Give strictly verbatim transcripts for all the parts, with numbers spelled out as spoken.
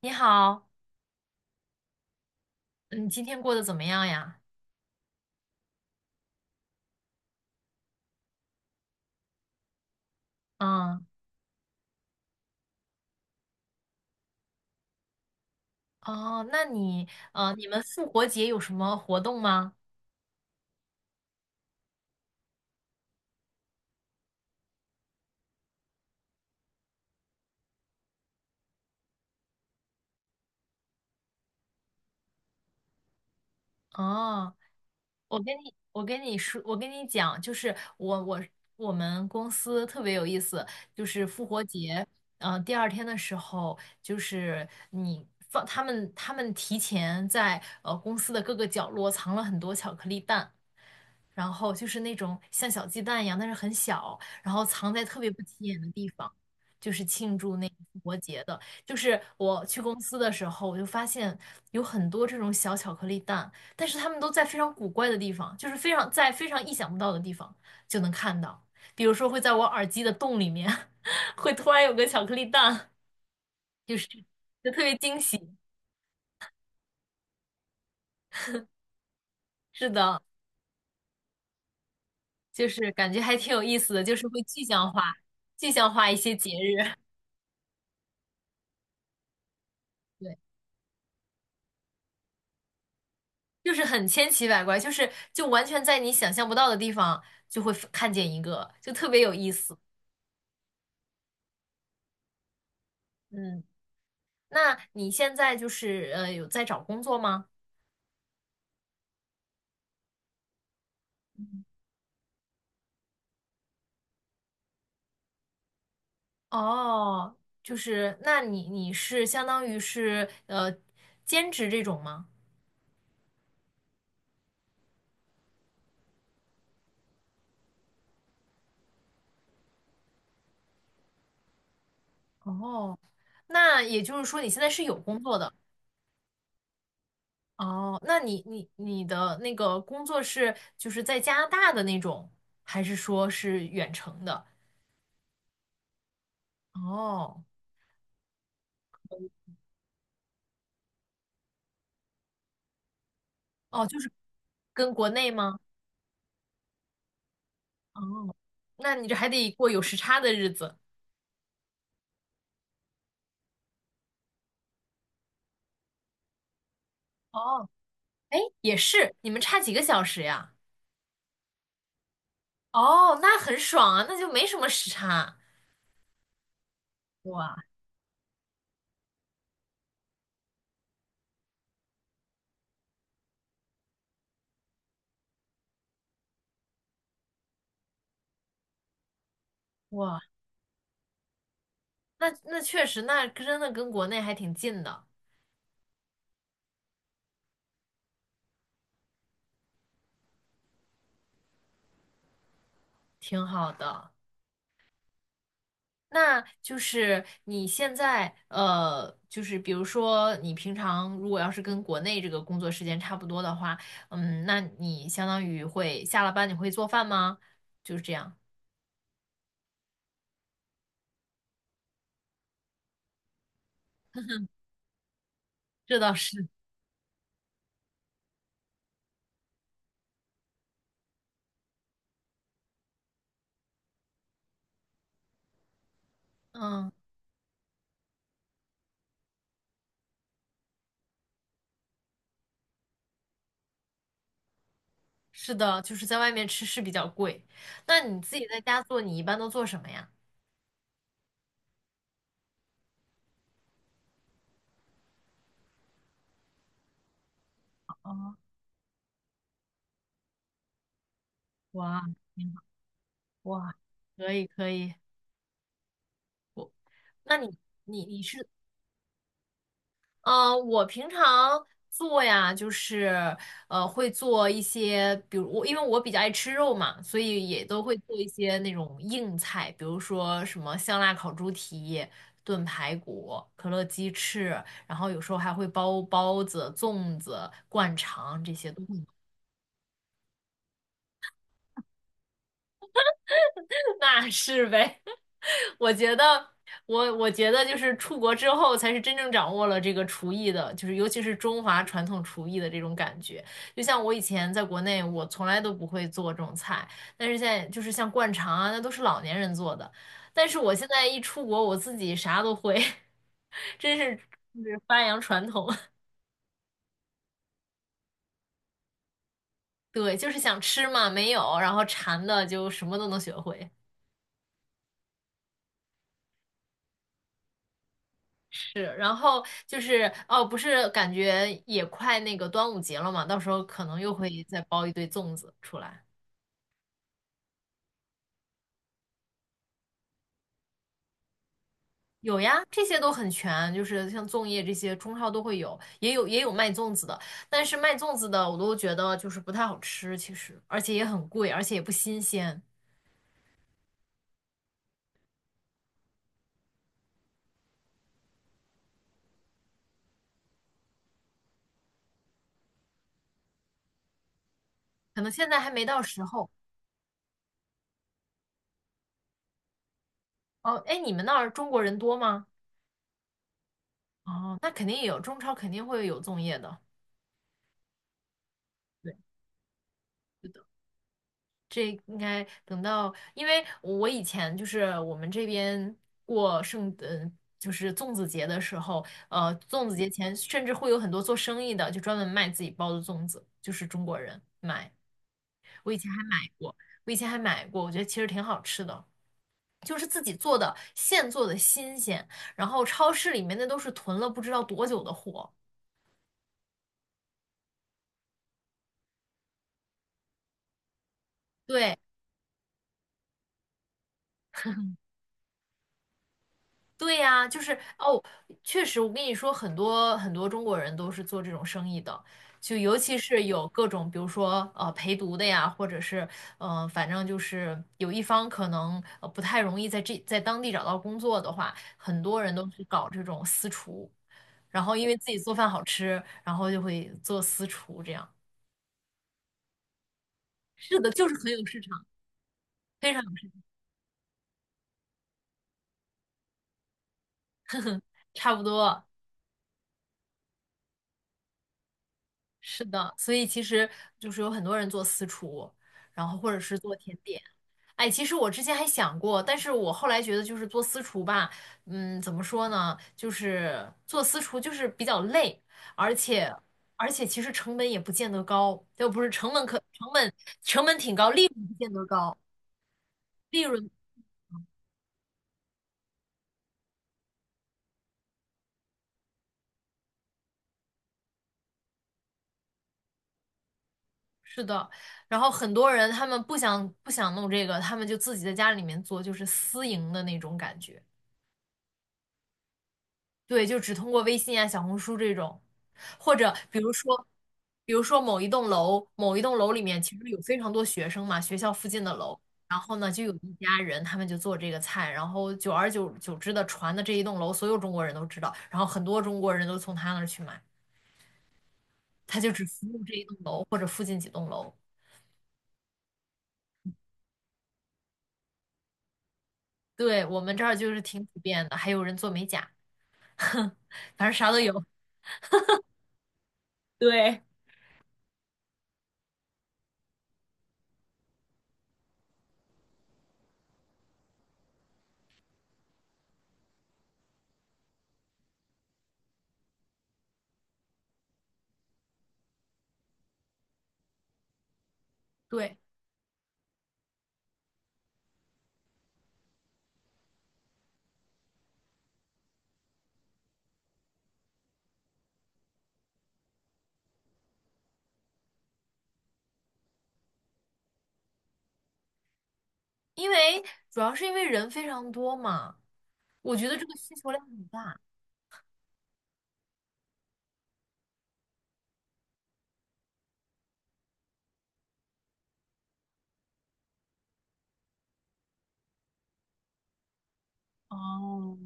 你好，你今天过得怎么样呀？嗯，哦，那你，呃，你们复活节有什么活动吗？哦，我跟你，我跟你说，我跟你讲，就是我我我们公司特别有意思，就是复活节，呃，第二天的时候，就是你放他们他们提前在呃公司的各个角落藏了很多巧克力蛋。然后就是那种像小鸡蛋一样，但是很小，然后藏在特别不起眼的地方，就是庆祝那个复活节的。就是我去公司的时候，我就发现有很多这种小巧克力蛋，但是它们都在非常古怪的地方，就是非常在非常意想不到的地方就能看到，比如说会在我耳机的洞里面，会突然有个巧克力蛋，就是就特别惊喜。是的，就是感觉还挺有意思的，就是会具象化具象化一些节日。对。就是很千奇百怪，就是就完全在你想象不到的地方就会看见一个，就特别有意思。嗯，那你现在就是呃有在找工作吗？哦，就是那你你是相当于是呃兼职这种吗？哦，那也就是说你现在是有工作的。哦，那你你你的那个工作是就是在加拿大的那种，还是说是远程的？哦哦，就是跟国内吗？哦，那你这还得过有时差的日子。哦，哎，也是，你们差几个小时呀？哦，那很爽啊，那就没什么时差。哇哇，那那确实，那真的跟国内还挺近的，挺好的。那就是你现在呃，就是比如说你平常如果要是跟国内这个工作时间差不多的话，嗯，那你相当于会下了班你会做饭吗？就是这样。这倒是。嗯。是的，就是在外面吃是比较贵。那你自己在家做，你一般都做什么呀？哦，哇，挺好，哇，可以可以，那你你你是呃，我平常做呀，就是呃会做一些，比如我因为我比较爱吃肉嘛，所以也都会做一些那种硬菜，比如说什么香辣烤猪蹄、炖排骨、可乐鸡翅，然后有时候还会包包子、粽子、灌肠这些都。会。那是呗，我觉得，我我觉得就是出国之后才是真正掌握了这个厨艺的，就是尤其是中华传统厨艺的这种感觉。就像我以前在国内，我从来都不会做这种菜，但是现在就是像灌肠啊，那都是老年人做的。但是我现在一出国，我自己啥都会，真是就是发扬传统。对，就是想吃嘛，没有，然后馋的就什么都能学会。是，然后就是哦，不是感觉也快那个端午节了嘛，到时候可能又会再包一堆粽子出来。有呀，这些都很全，就是像粽叶这些，中超都会有，也有也有卖粽子的，但是卖粽子的我都觉得就是不太好吃，其实，而且也很贵，而且也不新鲜，可能现在还没到时候。哦，哎，你们那儿中国人多吗？哦，那肯定有，中超肯定会有粽叶的。对。是的。这应该等到，因为我以前就是我们这边过圣，呃，就是粽子节的时候，呃，粽子节前甚至会有很多做生意的，就专门卖自己包的粽子，就是中国人买。我以前还买过，我以前还买过，我觉得其实挺好吃的，就是自己做的，现做的新鲜，然后超市里面那都是囤了不知道多久的货。对，对呀，就是哦，确实，我跟你说，很多很多中国人都是做这种生意的，就尤其是有各种，比如说呃陪读的呀，或者是嗯、呃，反正就是有一方可能呃不太容易在这在当地找到工作的话，很多人都是搞这种私厨，然后因为自己做饭好吃，然后就会做私厨这样。是的，就是很有市场，非常有市场，差不多，是的，所以其实就是有很多人做私厨，然后或者是做甜点。哎，其实我之前还想过，但是我后来觉得就是做私厨吧，嗯，怎么说呢，就是做私厨就是比较累，而且而且其实成本也不见得高，就不是成本可成本成本挺高，利润不见得高，利润是的。然后很多人他们不想不想弄这个，他们就自己在家里面做，就是私营的那种感觉。对，就只通过微信啊、小红书这种，或者比如说，比如说某一栋楼，某一栋楼里面其实有非常多学生嘛，学校附近的楼，然后呢就有一家人，他们就做这个菜，然后久而久久之的传的这一栋楼，所有中国人都知道，然后很多中国人都从他那儿去买，他就只服务这一栋楼或者附近几栋楼。对，我们这儿就是挺普遍的，还有人做美甲，哼，反正啥都有。对，对，因为主要是因为人非常多嘛。我觉得这个需求量很大。哦，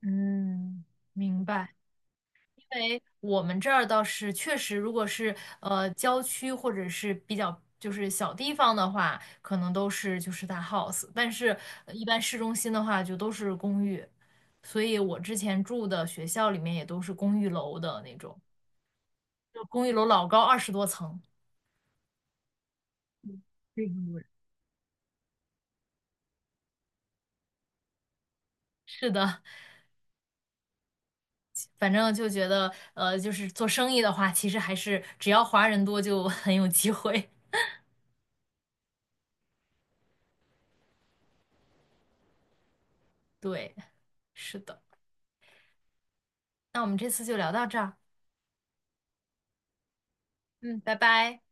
嗯，明白。因为我们这儿倒是确实，如果是呃郊区或者是比较就是小地方的话，可能都是就是大 house，但是呃一般市中心的话就都是公寓。所以我之前住的学校里面也都是公寓楼的那种，就公寓楼老高，二十多层。是的，反正就觉得呃，就是做生意的话，其实还是只要华人多就很有机会。对，是的。那我们这次就聊到这儿，嗯，拜拜。